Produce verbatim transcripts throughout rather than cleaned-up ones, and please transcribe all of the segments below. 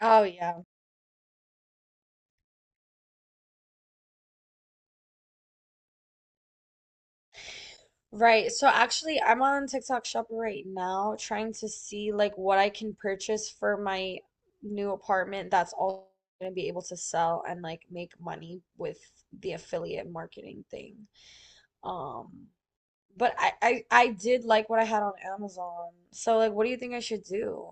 Oh yeah. Right. So actually I'm on TikTok Shop right now trying to see like what I can purchase for my new apartment that's all gonna be able to sell and like make money with the affiliate marketing thing. Um but I, I I did like what I had on Amazon. So like what do you think I should do?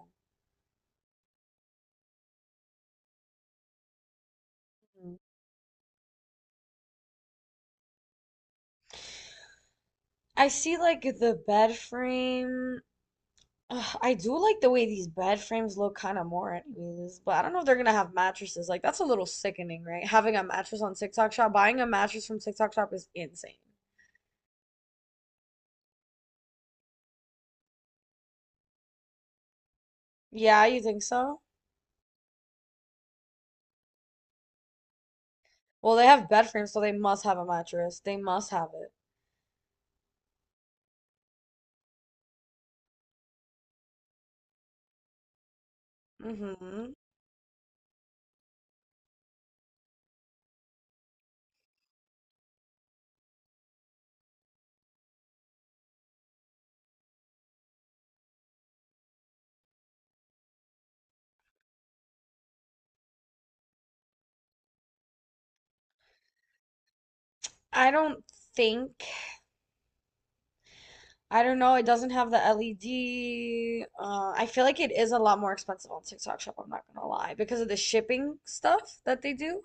Mm. I see like the bed frame. Ugh, I do like the way these bed frames look kind of more anyways, but I don't know if they're gonna have mattresses. Like that's a little sickening, right? Having a mattress on TikTok Shop, buying a mattress from TikTok Shop is insane. Yeah, you think so? Well, they have bed frames, so they must have a mattress. They must have it. Mm-hmm. I don't think. I don't know. It doesn't have the L E D. Uh, I feel like it is a lot more expensive on TikTok Shop, I'm not gonna lie, because of the shipping stuff that they do.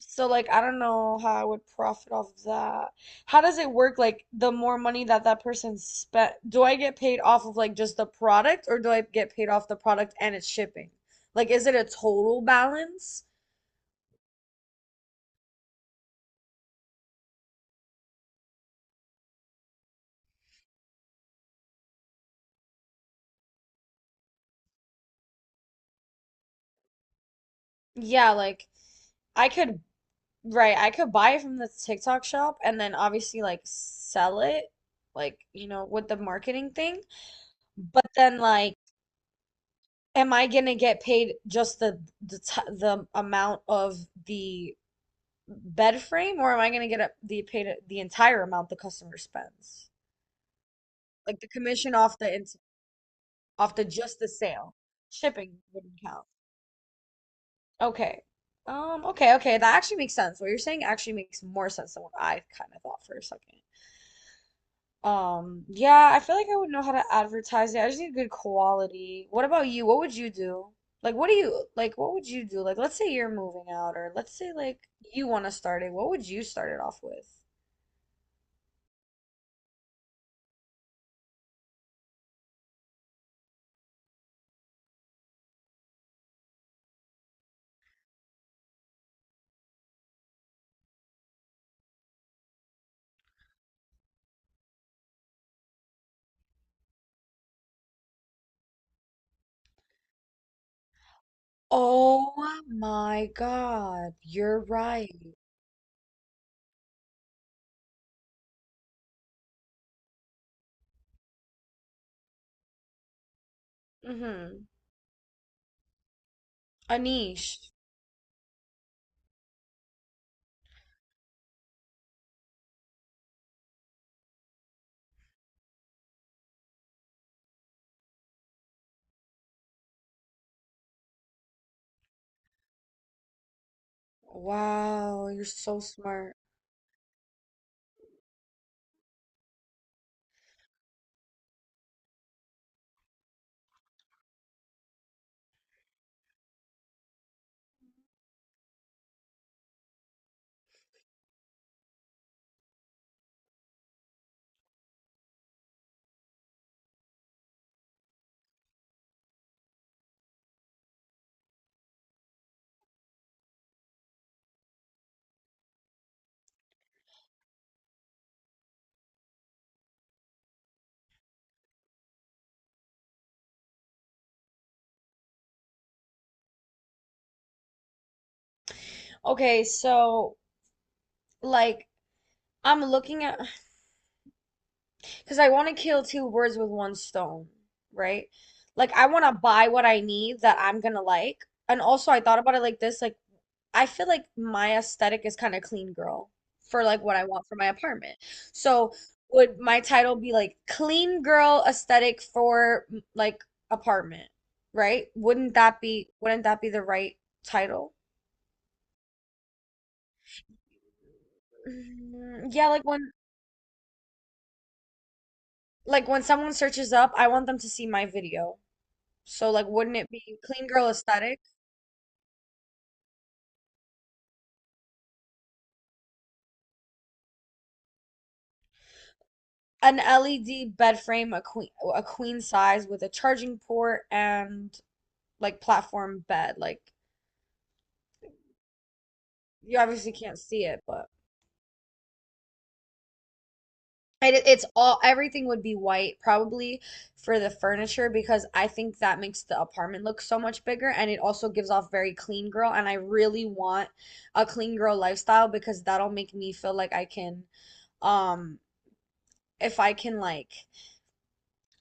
So like I don't know how I would profit off that. How does it work? Like the more money that that person spent, do I get paid off of like just the product or do I get paid off the product and its shipping? Like is it a total balance? Yeah, like I could, right, I could buy it from the TikTok shop and then obviously like sell it like, you know, with the marketing thing. But then like am I gonna get paid just the the t the amount of the bed frame, or am I gonna get a, the paid the entire amount the customer spends? Like the commission off the ins- off the just the sale. Shipping wouldn't count. Okay. Um, okay, okay. That actually makes sense. What you're saying actually makes more sense than what I kind of thought for a second. Um, yeah, I feel like I would know how to advertise it. I just need good quality. What about you? What would you do? Like, what do you like? What would you do? Like, let's say you're moving out, or let's say like you want to start it. What would you start it off with? Oh my God, you're right. Mm-hmm. Anish. Wow, you're so smart. Okay, so like I'm looking at because I want to kill two birds with one stone, right? Like I want to buy what I need that I'm gonna like. And also I thought about it like this, like I feel like my aesthetic is kind of clean girl for like what I want for my apartment. So would my title be like clean girl aesthetic for m- like apartment, right? Wouldn't that be wouldn't that be the right title? Mm, yeah, like when like when someone searches up, I want them to see my video. So like wouldn't it be clean girl aesthetic? An L E D bed frame, a queen, a queen size with a charging port and like platform bed, like you obviously can't see it, but it, it's all everything would be white probably for the furniture because I think that makes the apartment look so much bigger and it also gives off very clean girl and I really want a clean girl lifestyle because that'll make me feel like I can, um if I can like,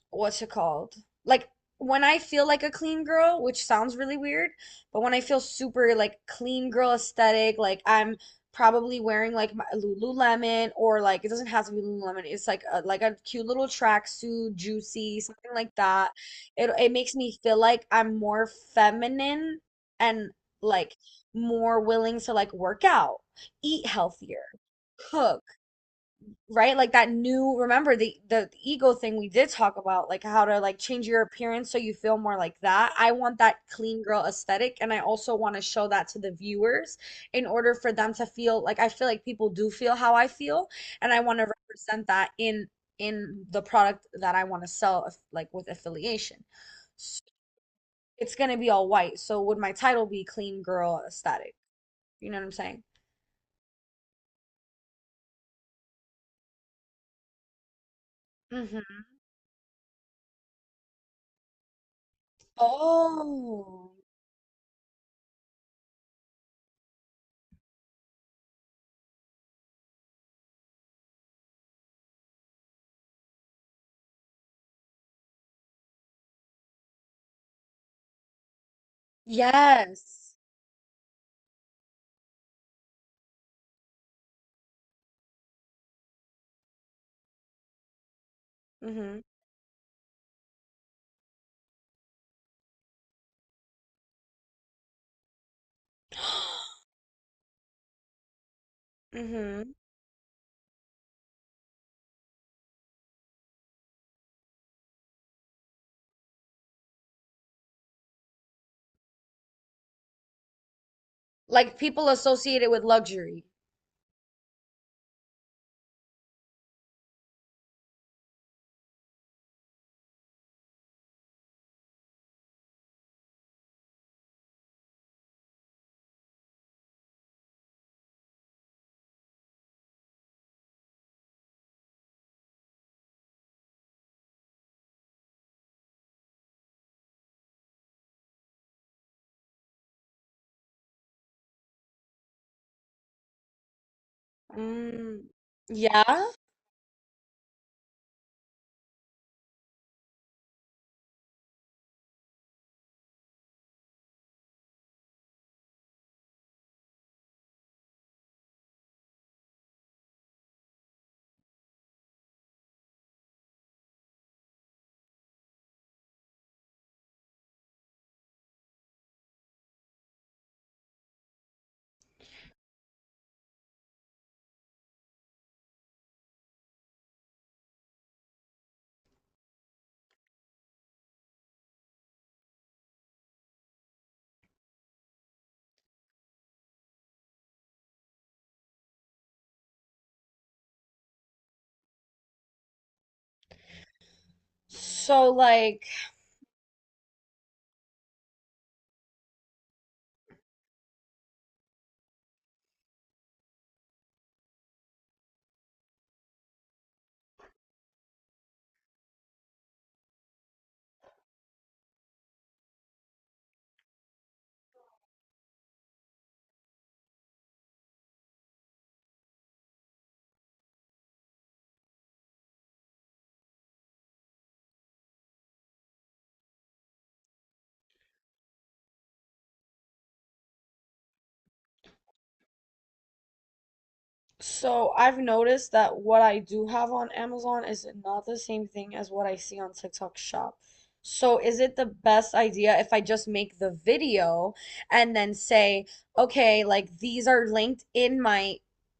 what's it called? Like when I feel like a clean girl, which sounds really weird, but when I feel super like clean girl aesthetic, like I'm probably wearing like my Lululemon or like it doesn't have to be Lululemon. It's like a, like a cute little tracksuit, juicy, something like that. It it makes me feel like I'm more feminine and like more willing to like work out, eat healthier, cook right like that new, remember the the ego thing we did talk about, like how to like change your appearance so you feel more like that. I want that clean girl aesthetic and I also want to show that to the viewers in order for them to feel like I feel, like people do feel how I feel, and I want to represent that in in the product that I want to sell, like with affiliation. So it's going to be all white. So would my title be clean girl aesthetic, you know what I'm saying? Hmm. Oh yes. Hmm. hmm Like people associate it with luxury. Mm, yeah. So like, so I've noticed that what I do have on Amazon is not the same thing as what I see on TikTok Shop. So is it the best idea if I just make the video and then say, okay, like these are linked in my,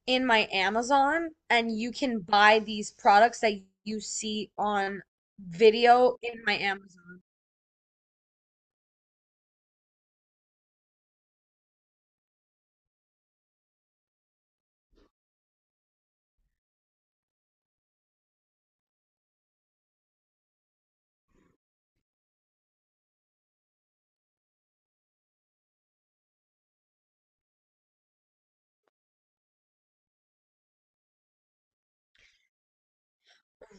in my Amazon, and you can buy these products that you see on video in my Amazon?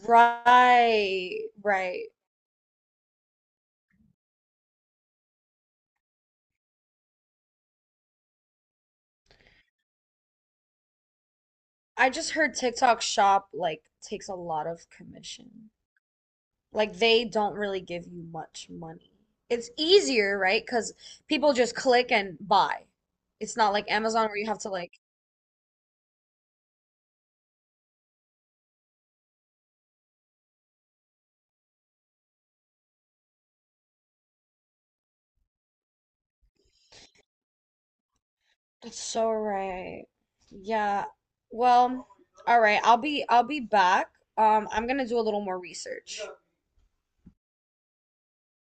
Right, right. I just heard TikTok Shop like takes a lot of commission. Like they don't really give you much money. It's easier, right? Because people just click and buy. It's not like Amazon where you have to like. That's so right. Yeah. Well, all right. I'll be I'll be back. Um, I'm gonna do a little more research.